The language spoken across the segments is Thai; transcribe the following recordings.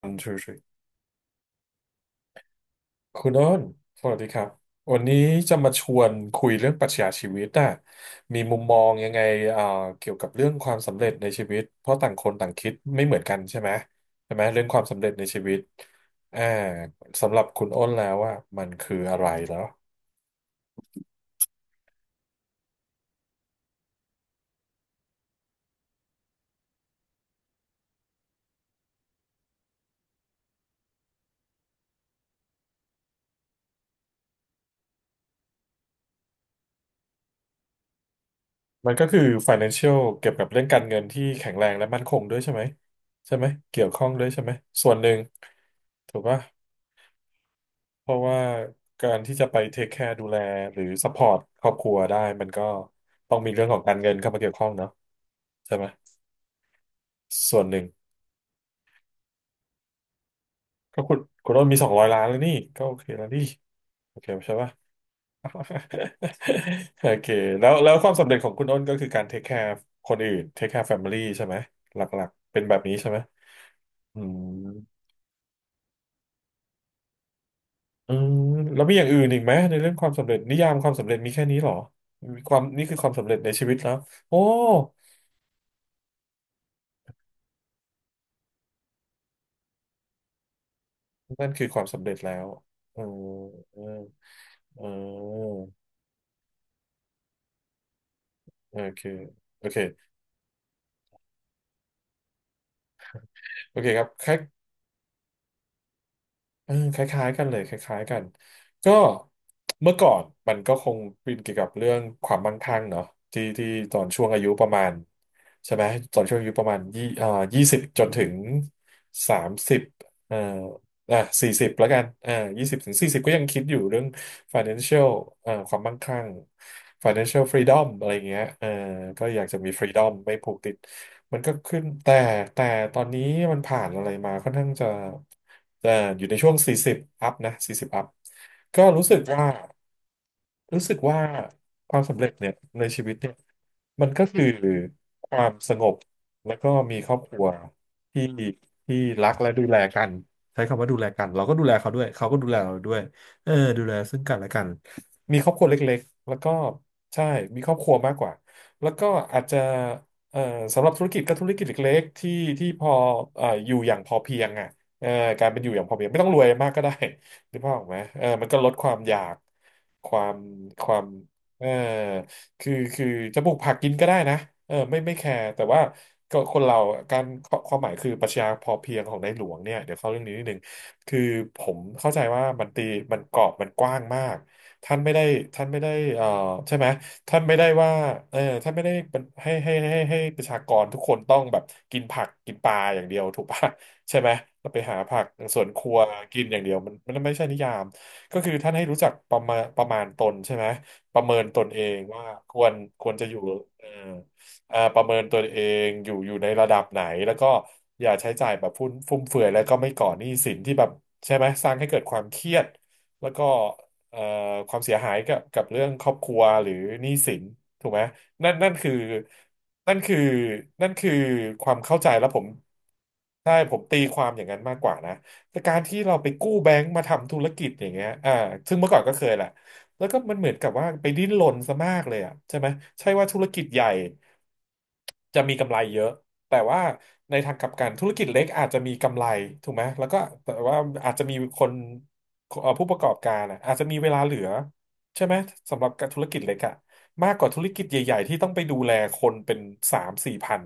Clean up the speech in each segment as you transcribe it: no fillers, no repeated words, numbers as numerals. one two three คุณโอ้นสวัสดีครับวันนี้จะมาชวนคุยเรื่องปรัชญาชีวิตอะมีมุมมองยังไงเอ่อเกี่ยวกับเรื่องความสำเร็จในชีวิตเพราะต่างคนต่างคิดไม่เหมือนกันใช่ไหมใช่ไหมเรื่องความสำเร็จในชีวิตอ่าสำหรับคุณโอ้นแล้วว่ามันคืออะไรแล้วมันก็คือ financial เกี่ยวกับเรื่องการเงินที่แข็งแรงและมั่นคงด้วยใช่ไหมใช่ไหมเกี่ยวข้องด้วยใช่ไหมส่วนหนึ่งถูกปะ เพราะว่าการที่จะไปเทคแคร์ดูแลหรือซัพพอร์ตครอบครัวได้มันก็ต้องมีเรื่องของการเงินเข้ามาเกี่ยวข้องเนาะใช่ไหมส่วนหนึ่งก็คุณต้นมีสองร้อยล้านแล้วนี่ก็โอเคแล้วนี่โอเคใช่ปะ โอเคแล้วความสำเร็จของคุณอ้นก็คือการเทคแคร์คนอื่นเทคแคร์แฟมิลี่ใช่ไหมหลักๆเป็นแบบนี้ใช่ไหมอืมอืมแล้วมีอย่างอื่นอีกไหมในเรื่องความสำเร็จนิยามความสำเร็จมีแค่นี้เหรอมีความนี่คือความสำเร็จในชีวิตแล้วโอ้ นั่นคือความสำเร็จแล้วเออเออเออโอเคโอเคโอเคครับคล้าย เออคล้ายๆกันเลยคล้ายๆกันก็เมื่อก่อนมันก็คงเป็นเกี่ยวกับเรื่องความมั่งคั่งเนาะที่ตอนช่วงอายุประมาณใช่ไหมตอนช่วงอายุประมาณยี่อ่ายี่สิบจนถึงสามสิบเอ่ออ่ะสี่สิบแล้วกันอ่ายี่สิบถึงสี่สิบก็ยังคิดอยู่เรื่อง financial ความมั่งคั่ง financial freedom อะไรอย่างเงี้ยเออก็อยากจะมี freedom ไม่ผูกติด มันก็ขึ้นแต่ตอนนี้มันผ่านอะไรมาค่อนข้างจะอยู่ในช่วง 40 อัพนะ 40 อัพก็รู้สึกว่าความสำเร็จเนี่ยในชีวิตเนี่ย มันก็คือความสงบแล้วก็มีครอบครัวที่ที่รักและดูแลกันใช้คำว่าดูแลกันเราก็ดูแลเขาด้วยเขาก็ดูแลเราด้วยเออดูแลซึ่งกันและกันมีครอบครัวเล็กๆแล้วก็ใช่มีครอบครัวมากกว่าแล้วก็อาจจะเอ่อสำหรับธุรกิจก็ธุรกิจเล็กๆที่พออยู่อย่างพอเพียงอ่ะเอ่อการเป็นอยู่อย่างพอเพียงไม่ต้องรวยมากก็ได้หรือเปล่าพออกไหมเออมันก็ลดความอยากความความเออ คือจะปลูกผักกินก็ได้นะเออไม่แคร์แต่ว่าก็คนเราการความหมายคือปรัชญาพอเพียงของในหลวงเนี่ยเดี๋ยวเข้าเรื่องนี้นิดนึงคือผมเข้าใจว่ามันตีมันกรอบมันกว้างมากท่านไม่ได้ท่านไม่ได้ใช่ไหมท่านไม่ได้ว่าเออท่านไม่ได้เป็นให้ประชากรทุกคนต้องแบบกินผักกินปลาอย่างเดียวถูกปะ ใช่ไหมเราไปหาผักสวนครัวกินอย่างเดียวมันไม่ใช่นิยามก็คือท่านให้รู้จักประมาณตนใช่ไหม ประเมินตนเองว่าควรควรจะอยู่เอ่ออ่าประเมินตนเองอยู่อยู่ในระดับไหนแล้วก็อย่าใช้จ่ายแบบฟุ่มเฟือยแล้วก็ไม่ก่อหนี้สินที่แบบใช่ไหมสร้างให้เกิดความเครียดแล้วก็เอ่อความเสียหายกับเรื่องครอบครัวหรือหนี้สินถูกไหมนั่นนั่นคือนั่นคือนั่นคือความเข้าใจแล้วผมใช่ผมตีความอย่างนั้นมากกว่านะแต่การที่เราไปกู้แบงก์มาทำธุรกิจอย่างเงี้ยอ่าซึ่งเมื่อก่อนก็เคยแหละ แล้วก็มันเหมือนกับว่าไปดิ้นรนซะมากเลยอ่ะใช่ไหมใช่ว่าธุรกิจใหญ่จะมีกำไรเยอะแต่ว่าในทางกลับกันธุรกิจเล็กอาจจะมีกำไรถูกไหมแล้วก็แต่ว่าอาจจะมีคนผู้ประกอบการอะอาจจะมีเวลาเหลือใช่ไหมสำหรับธุรกิจเล็กอะมากกว่าธุรกิจใหญ่ๆที่ต้องไปดูแลคนเป็นสามสี่พัน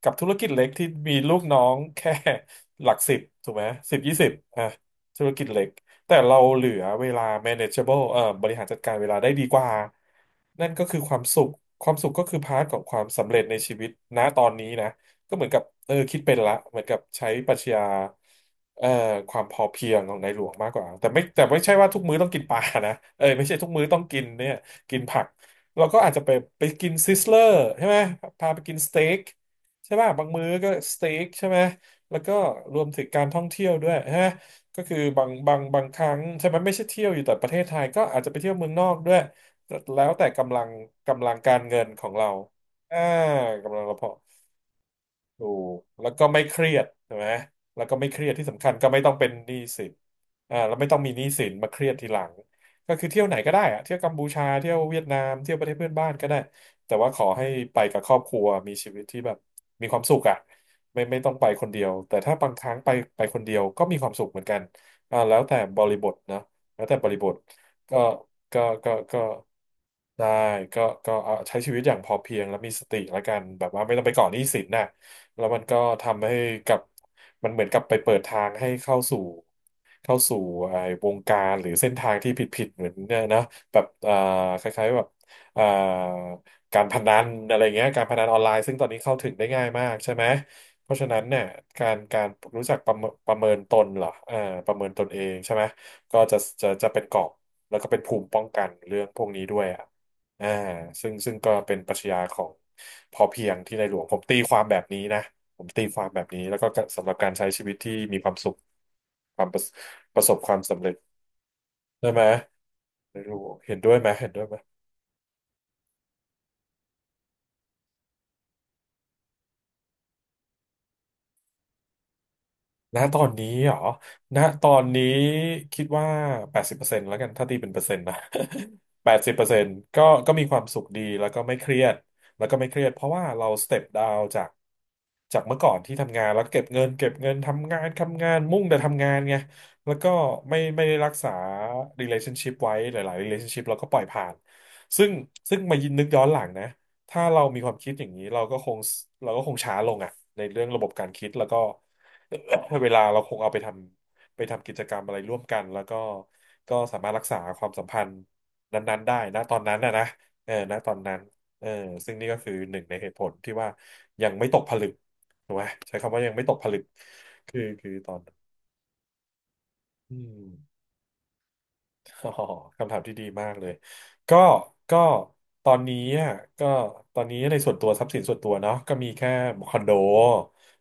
กับธุรกิจเล็กที่มีลูกน้องแค่หลักสิบถูกไหมสิบยี่สิบอ่ะธุรกิจเล็ก แต่เราเหลือเวลา manageable บริหารจัดการเวลาได้ดีกว่า นั่นก็คือความสุขความสุขก็คือพาร์ทของความสำเร็จในชีวิตณตอนนี้นะ ก็เหมือนกับคิดเป็นละเหมือนกับใช้ปรัชญาเอ่อความพอเพียงของในหลวงมากกว่าแต่ไม่ใช่ว่าทุกมื้อต้องกินปลานะไม่ใช่ทุกมื้อต้องกินเนี่ยกินผักเราก็อาจจะไปกินซิสเลอร์ใช่ไหมพาไปกินสเต็กใช่ป่ะบางมื้อก็สเต็กใช่ไหมแล้วก็รวมถึงการท่องเที่ยวด้วยใช่ไหม ก็คือบางครั้งใช่ไหมไม่ใช่เที่ยวอยู่แต่ประเทศไทยก็อาจจะไปเที่ยวเมืองนอกด้วยแล้วแต่กำลังการเงินของเราอ่ากำลังเราพอ ถูกแล้วก็ไม่เครียดใช่ไหมแล้วก็ไม่เครียดที่สำคัญก็ไม่ต้องเป็นหนี้สินแล้วไม่ต้องมีหนี้สินมาเครียดทีหลังก็คือเที่ยวไหนก็ได้อะเที่ยวกัมพูชาเที่ยวเวียดนามเที่ยวประเทศเพื่อนบ้านก็ได้ แต่ว่าขอให้ไปกับครอบครัวมีชีวิตที่แบบมีความสุขอ่ะไม่ต้องไปคนเดียว แต่ถ้าบางครั้งไปคนเดียวก็มีความสุขเหมือนกันแล้วแต่บริบทนะแล้วแต่บริบทก็ก็ได้ก็เอาใช้ชีวิตอย่างพอเพียงแล้วมีสติแล้วกันแบบว่าไม่ต้องไปก่อหนี้สินน่ะ แล้วมันก็ทำให้กับมันเหมือนกับไปเปิดทางให้เข้าสู่ไอ้วงการหรือเส้นทางที่ผิดๆเหมือนเนี่ยนะแบบคล้ายๆแบบอ่าการพนันอะไรเงี้ยการพนันออนไลน์ซึ่งตอนนี้เข้าถึงได้ง่ายมากใช่ไหมเพราะฉะนั้นเนี่ยการรู้จักประเมินตนเหรอเอ่าประเมินตนเองใช่ไหมก็จะจะเป็นกรอบแล้วก็เป็นภูมิป้องกันเรื่องพวกนี้ด้วยอะ อ่าซึ่งก็เป็นปรัชญาของพอเพียงที่ในหลวงผมตีความแบบนี้นะผมตีความแบบนี้แล้วก็สำหรับการใช้ชีวิตที่มีความสุขความประประสบความสำเร็จได้ไหมไม่รู้เห็นด้วยไหมเห็นด้วยไหม ณตอนนี้เหรอณตอนนี้คิดว่าแปดสิบเปอร์เซ็นต์แล้วกันถ้าตีเป็นเปอร์เซ็นต์นะ 80%ก็มีความสุขดีแล้วก็ไม่เครียดแล้วก็ไม่เครียดเพราะว่าเราสเต็ปดาวจากเมื่อก่อนที่ทำงานแล้วเก็บเงินเก็บเงินทำงานทำงานมุ่งแต่ทำงานไงแล้วก็ไม่ได้รักษา relationship ไว้หลายๆ relationship เราก็ปล่อยผ่านซึ่งซึ่งมายินนึกย้อนหลังนะถ้าเรามีความคิดอย่างนี้เราก็คงช้าลงอะในเรื่องระบบการคิดแล้วก็ เวลาเราคงเอาไปทำกิจกรรมอะไรร่วมกันแล้วก็ก็สามารถรักษาความสัมพันธ์นั้นๆได้นะตอนนั้นนะนะนะตอนนั้นเออซึ่งนี่ก็คือหนึ่งในเหตุผลที่ว่ายังไม่ตกผลึกถูกไหมใช้คำว่ายังไม่ตกผลึกคือคือตอนอืม อ๋อคำถามที่ดีมากเลยก็ก็ตอนนี้อ่ะก็ตอนนี้ในส่วนตัวทรัพย์สินส่วนตัวเนาะก็มีแค่คอนโด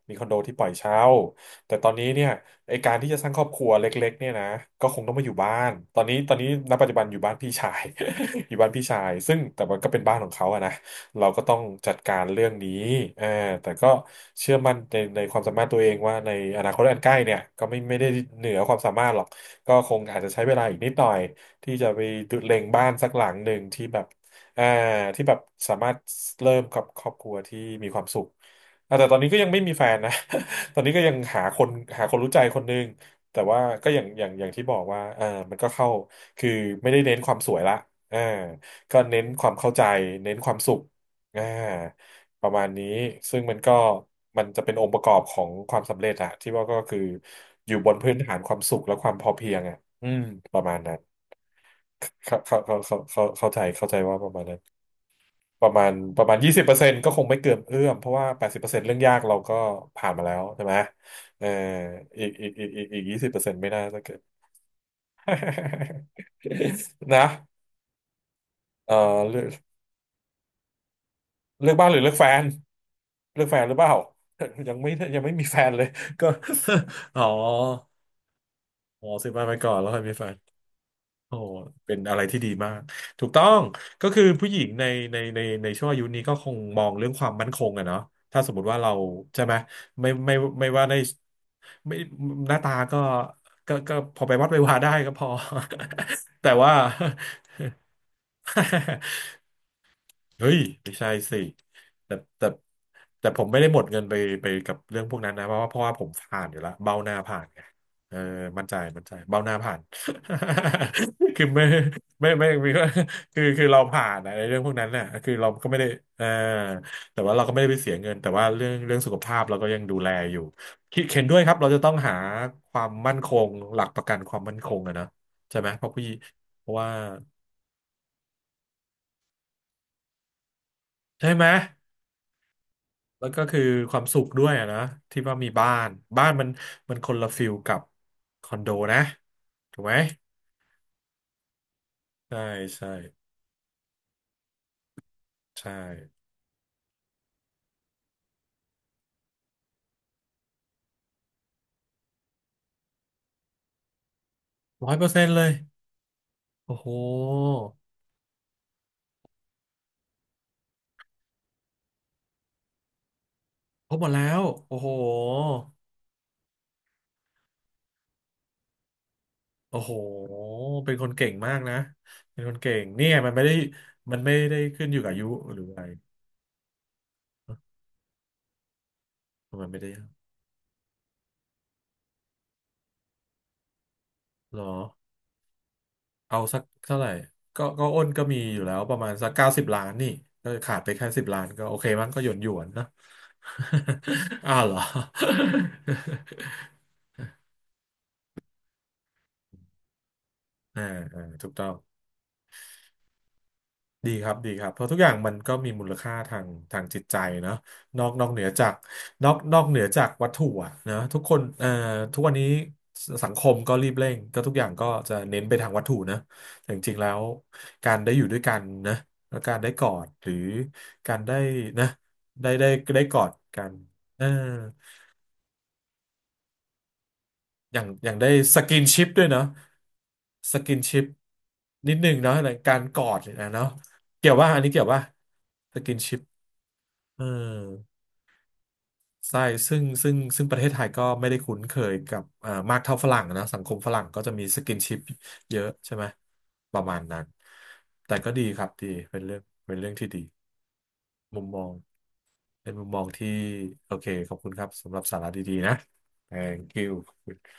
มีคอนโดที่ปล่อยเช่าแต่ตอนนี้เนี่ยไอการที่จะสร้างครอบครัวเล็กๆเนี่ยนะก็คงต้องมาอยู่บ้านตอนนี้ณปัจจุบันอยู่บ้านพี่ชาย อยู่บ้านพี่ชายซึ่งแต่มันก็เป็นบ้านของเขาอะนะ เราก็ต้องจัดการเรื่องนี้อ่าแต่ก็เชื่อมั่นในความสามารถตัวเองว่าในอนาคตอันใกล้เนี่ยก็ไม่ได้เหนือความสามารถหรอก ก็คงอาจจะใช้เวลาอีกนิดหน่อยที่จะไปดูเล็งบ้านสักหลังหนึ่งที่แบบอ่าที่แบบสามารถเริ่มกับครอบครัวที่มีความสุขอ่ะแต่ตอนนี้ก็ยังไม่มีแฟนนะ ตอนนี้ก็ยังหาคนรู้ใจคนหนึงแต่ว่าก็อย่างที่บอกว่ามันก็เข้าคือไม่ได้เน้นความสวยละเออก็เน้นความเข้าใจเน้นความสุข อ่าประมาณนี้ซึ่งมันก็มันจะเป็นองค์ประกอบของความสำเร็จอะที่ว่าก็คืออยู่บนพื้นฐานความสุขและความพอเพียงอะอืมประมาณนั้นเข้าเขาเขาเขาเขาเข้าใจเข้าใจว่าประมาณนั้นประมาณประมาณยี่สิบเปอร์เซ็นต์ก็คงไม่เกินเอื้อมเพราะว่าแปดสิบเปอร์เซ็นต์เรื่องยากเราก็ผ่านมาแล้วใช่ไหมเอออีกยี่สิบเปอร์เซ็นต์ไม่น่าจะเกิด นะเออ เลือกบ้านหรือเลือกแฟนเลือกแฟนหรือเปล่า ยังไม่มีแฟนเลยก็ อ๋ออ๋อซื้อบ้านไปก่อนแล้วค่อยมีแฟนโอ้เป็นอะไรที่ดีมากถูกต้องก็คือผู้หญิงในในช่วงอายุนี้ก็คงมองเรื่องความมั่นคงอะเนาะถ้าสมมติว่าเราใช่ไหมไม่ไม่ไม่ว่าในไม่หน้าตาก็ก็พอไปวัดไปวาได้ก็พอ แต่ว่า เฮ้ยไม่ใช่สิแต่แต่แต่ผมไม่ได้หมดเงินไปไปกับเรื่องพวกนั้นนะเพราะว่าผมผ่านอยู่แล้วเบ้าหน้าผ่านไงเออมั่นใจเบ้าหน้าผ่าน คือไม่ไม่ไม่ไม่คือเราผ่านนะในเรื่องพวกนั้นน่ะคือเราก็ไม่ได้เออแต่ว่าเราก็ไม่ได้ไปเสียเงินแต่ว่าเรื่องสุขภาพเราก็ยังดูแลอยู่คิดเห็นด้วยครับเราจะต้องหาความมั่นคงหลักประกันความมั่นคงอะนะใช่ไหมเพราะพี่เพราะว่าใช่ไหม แล้วก็คือความสุขด้วยอะนะที่ว่ามีบ้านบ้านมันมันคนละฟิลกับคอนโดนะถูกไหมใช่ใช่ใช่100%เลยโอ้โหพบหมดแล้วโอ้โหโอ้โหเป็นคนเก่งมากนะเป็นคนเก่งนี่ไงมันไม่ได้มันไม่ได้ขึ้นอยู่กับอายุหรืออะไรมันไม่ได้หรอ เอาสักเท่าไหร่ก็อ้นก็มีอยู่แล้วประมาณสัก90 ล้านนี่ก็ขาดไปแค่สิบล้านก็โอเคมั้งก็หยวนหยวนเนอะ อ้าวเหรอ อ่าอ่าถูกต้อง ดีครับดีครับเพราะทุกอย่างมันก็มีมูลค่าทางทางจิตใจเนาะนอกเหนือจากนอกเหนือจากวัตถุอะนะทุกคนทุกวันนี้สังคมก็รีบเร่งก็ทุกอย่างก็จะเน้นไปทางวัตถุนะแต่จริงๆแล้วการได้อยู่ด้วยกันนะแล้วการได้กอดหรือการได้นะได้ได้ได้กอดกันเอออย่างได้สกินชิปด้วยเนาะสกินชิปนิดหนึ่งเนาะในการกอดเนยนะเนาะเกี่ยวว่าอันนี้เกี่ยวว่าสกินชิป เออใช่ซึ่งประเทศไทยก็ไม่ได้คุ้นเคยกับมากเท่าฝรั่งนะสังคมฝรั่งก็จะมีสกินชิปเยอะใช่ไหมประมาณนั้นแต่ก็ดีครับดีเป็นเรื่องเป็นเรื่องที่ดีมุมมองเป็นมุมมองที่โอเคขอบคุณครับสำหรับสาระดีๆนะ Thank you